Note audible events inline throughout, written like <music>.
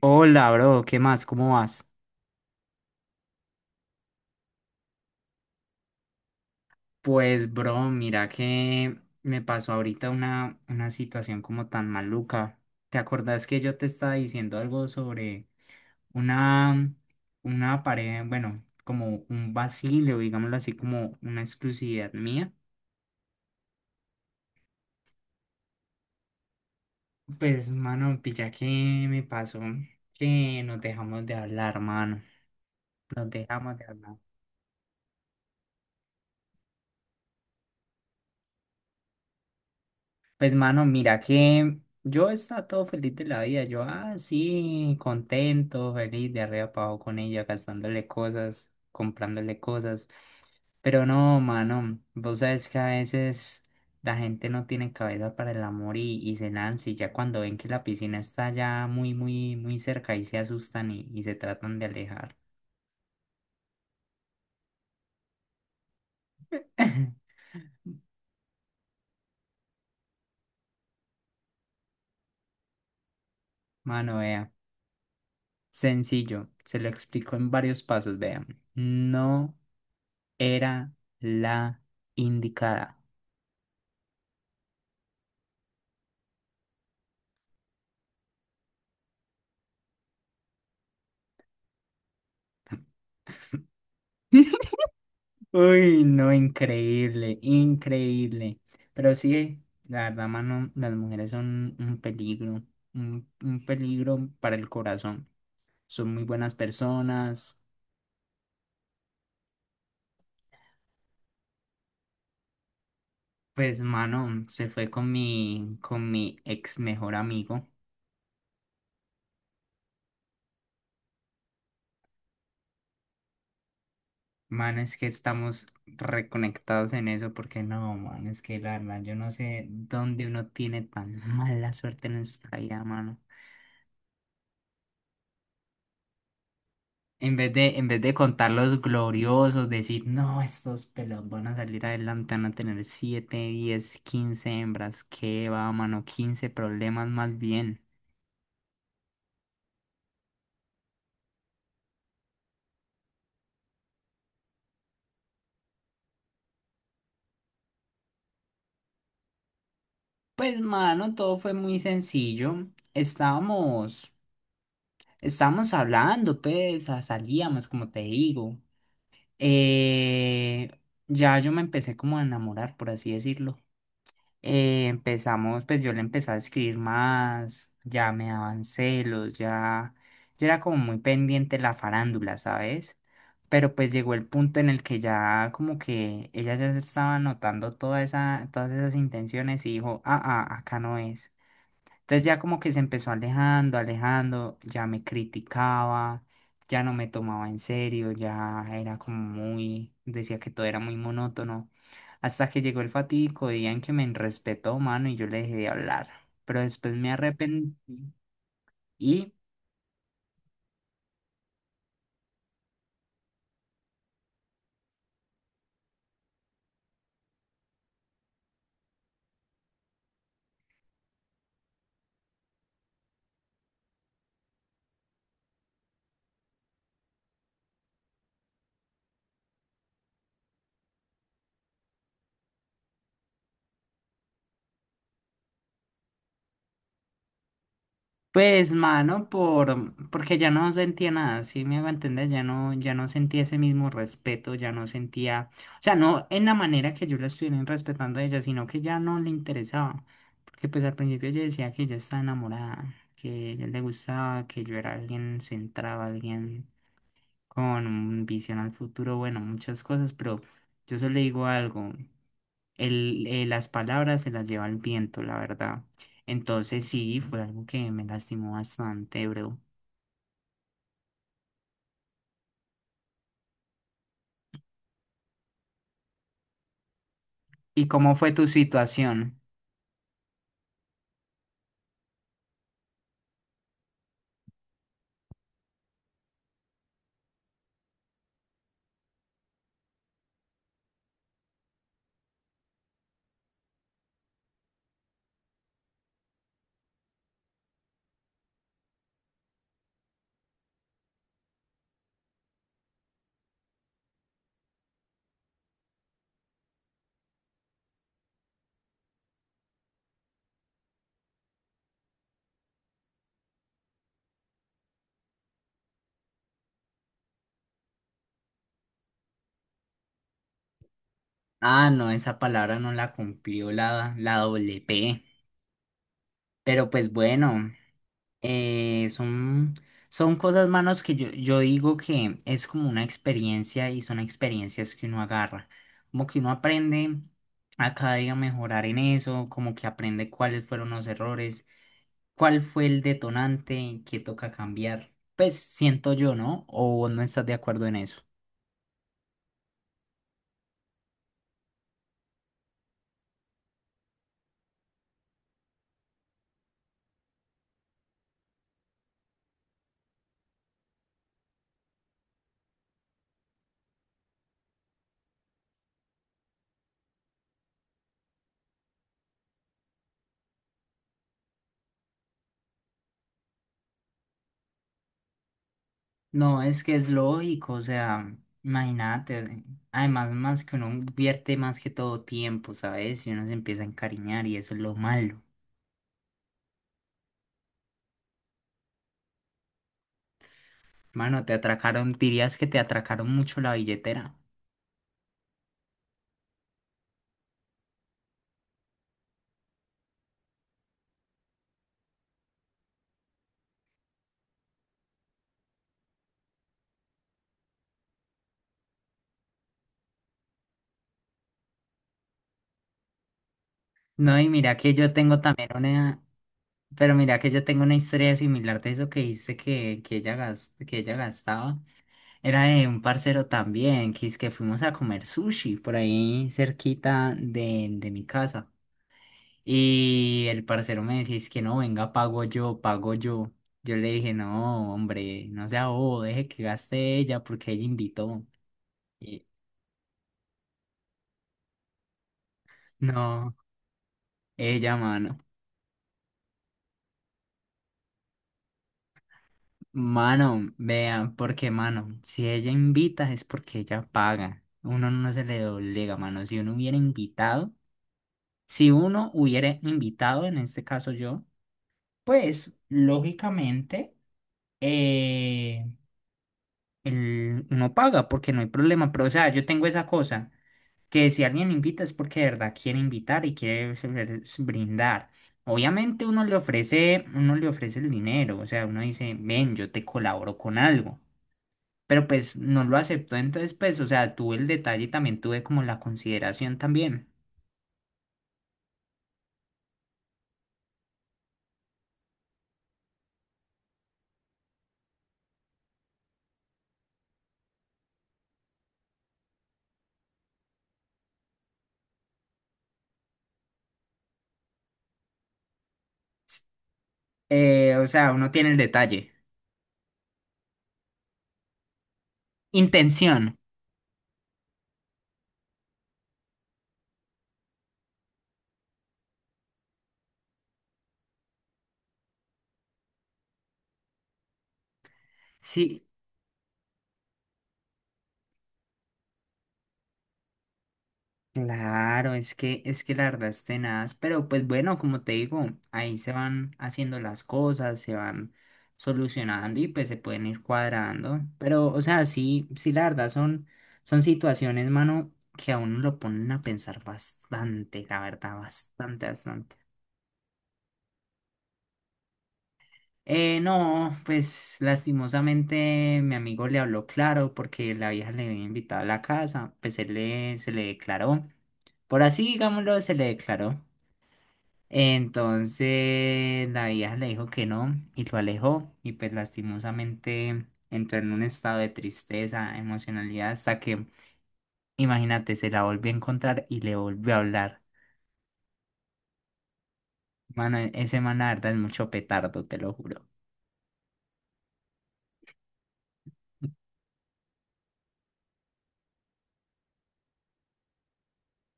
Hola, bro, ¿qué más? ¿Cómo vas? Pues, bro, mira que me pasó ahorita una situación como tan maluca. ¿Te acordás que yo te estaba diciendo algo sobre una, una pareja, bueno, como un vacío, digámoslo así, como una exclusividad mía? Pues, mano, pilla que me pasó que nos dejamos de hablar, mano. Nos dejamos de hablar. Pues mano, mira que yo estaba todo feliz de la vida, yo así, contento, feliz, de arriba para abajo con ella, gastándole cosas, comprándole cosas. Pero no, mano, vos sabes que a veces la gente no tiene cabeza para el amor y se lanza y ya cuando ven que la piscina está ya muy, muy, muy cerca y se asustan y se tratan de alejar. <laughs> Mano, vea, sencillo, se lo explico en varios pasos, vea. No era la indicada. <laughs> Uy, no, increíble, increíble. Pero sí, la verdad, mano, las mujeres son un peligro, un peligro para el corazón. Son muy buenas personas. Pues, mano, se fue con mi ex mejor amigo. Mano, es que estamos reconectados en eso porque no, mano, es que la verdad, yo no sé dónde uno tiene tan mala suerte en esta vida, mano. En vez de contar los gloriosos, decir, no, estos pelos van a salir adelante, van a tener siete 10 15 hembras, qué va, mano, 15 problemas más bien. Pues, mano, todo fue muy sencillo. Estábamos, estábamos hablando, pues, salíamos, como te digo. Eh, ya yo me empecé como a enamorar, por así decirlo. Empezamos, pues yo le empecé a escribir más, ya me daban celos, ya yo era como muy pendiente de la farándula, ¿sabes? Pero pues llegó el punto en el que ya como que ella ya se estaba notando todas esas intenciones y dijo, acá no es. Entonces ya como que se empezó alejando, alejando, ya me criticaba, ya no me tomaba en serio, ya era como muy, decía que todo era muy monótono. Hasta que llegó el fatídico día en que me respetó, mano, y yo le dejé de hablar. Pero después me arrepentí y pues, mano, por, porque ya no sentía nada, sí me hago entender, ya no sentía ese mismo respeto, ya no sentía, o sea, no en la manera que yo la estuviera respetando a ella, sino que ya no le interesaba, porque pues al principio ella decía que ella estaba enamorada, que a ella le gustaba, que yo era alguien centrado, alguien con visión al futuro, bueno, muchas cosas, pero yo solo le digo algo, las palabras se las lleva el viento, la verdad. Entonces sí, fue algo que me lastimó bastante, bro. ¿Y cómo fue tu situación? Ah, no, esa palabra no la cumplió la doble P. Pero pues bueno, Eh, son, son cosas, manos, que yo digo que es como una experiencia y son experiencias que uno agarra. Como que uno aprende a cada día mejorar en eso, como que aprende cuáles fueron los errores, cuál fue el detonante que toca cambiar. Pues siento yo, ¿no? ¿O vos no estás de acuerdo en eso? No, es que es lógico, o sea, imagínate, además más que uno invierte más que todo tiempo, ¿sabes? Y uno se empieza a encariñar y eso es lo malo. Mano, te atracaron, dirías que te atracaron mucho la billetera. No, y mira que yo tengo también una, pero mira que yo tengo una historia similar de eso que dijiste que ella gastaba. Era de un parcero también, que es que fuimos a comer sushi por ahí cerquita de mi casa. Y el parcero me decía, es que no, venga, pago yo, pago yo. Yo le dije, no, hombre, no sea bobo, deje que gaste ella porque ella invitó. Y no, ella, mano. Mano, vean, porque mano, si ella invita es porque ella paga. Uno no se le doblega, mano. Si uno hubiera invitado, en este caso yo, pues lógicamente eh, uno paga porque no hay problema. Pero o sea, yo tengo esa cosa, que si alguien invita es porque de verdad quiere invitar y quiere brindar. Obviamente uno le ofrece el dinero, o sea, uno dice, ven, yo te colaboro con algo. Pero pues no lo aceptó, entonces pues, o sea, tuve el detalle y también tuve como la consideración también. O sea, uno tiene el detalle. Intención. Sí, claro, es que la verdad es tenaz, pero pues bueno, como te digo, ahí se van haciendo las cosas, se van solucionando y pues se pueden ir cuadrando. Pero, o sea, sí, sí, la verdad son, situaciones, mano, que a uno lo ponen a pensar bastante, la verdad, bastante, bastante. No, pues lastimosamente mi amigo le habló claro porque la vieja le había invitado a la casa, pues él le, se le declaró, por así digámoslo, se le declaró. Entonces la vieja le dijo que no y lo alejó y pues lastimosamente entró en un estado de tristeza, emocionalidad hasta que, imagínate, se la volvió a encontrar y le volvió a hablar. Mano, ese man la verdad es mucho petardo, te lo juro.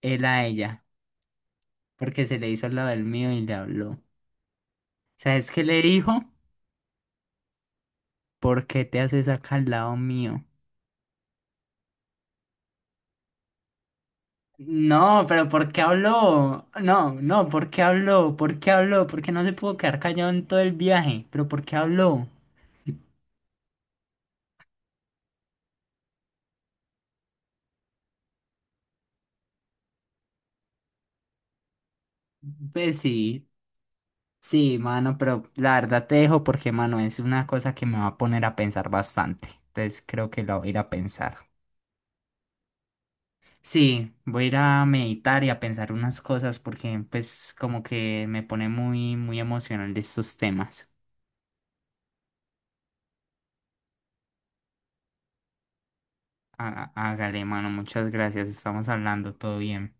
Él a ella, porque se le hizo lo del mío y le habló. ¿Sabes qué le dijo? ¿Por qué te haces acá al lado mío? No, pero ¿por qué habló? No, no, ¿por qué habló? ¿Por qué habló? ¿Por qué no se pudo quedar callado en todo el viaje? ¿Pero por qué habló? Pues sí, sí, mano, pero la verdad te dejo porque, mano, es una cosa que me va a poner a pensar bastante. Entonces creo que la voy a ir a pensar. Sí, voy a ir a meditar y a pensar unas cosas porque, pues, como que me pone muy, muy emocional estos temas. Hágale, mano, muchas gracias. Estamos hablando, todo bien.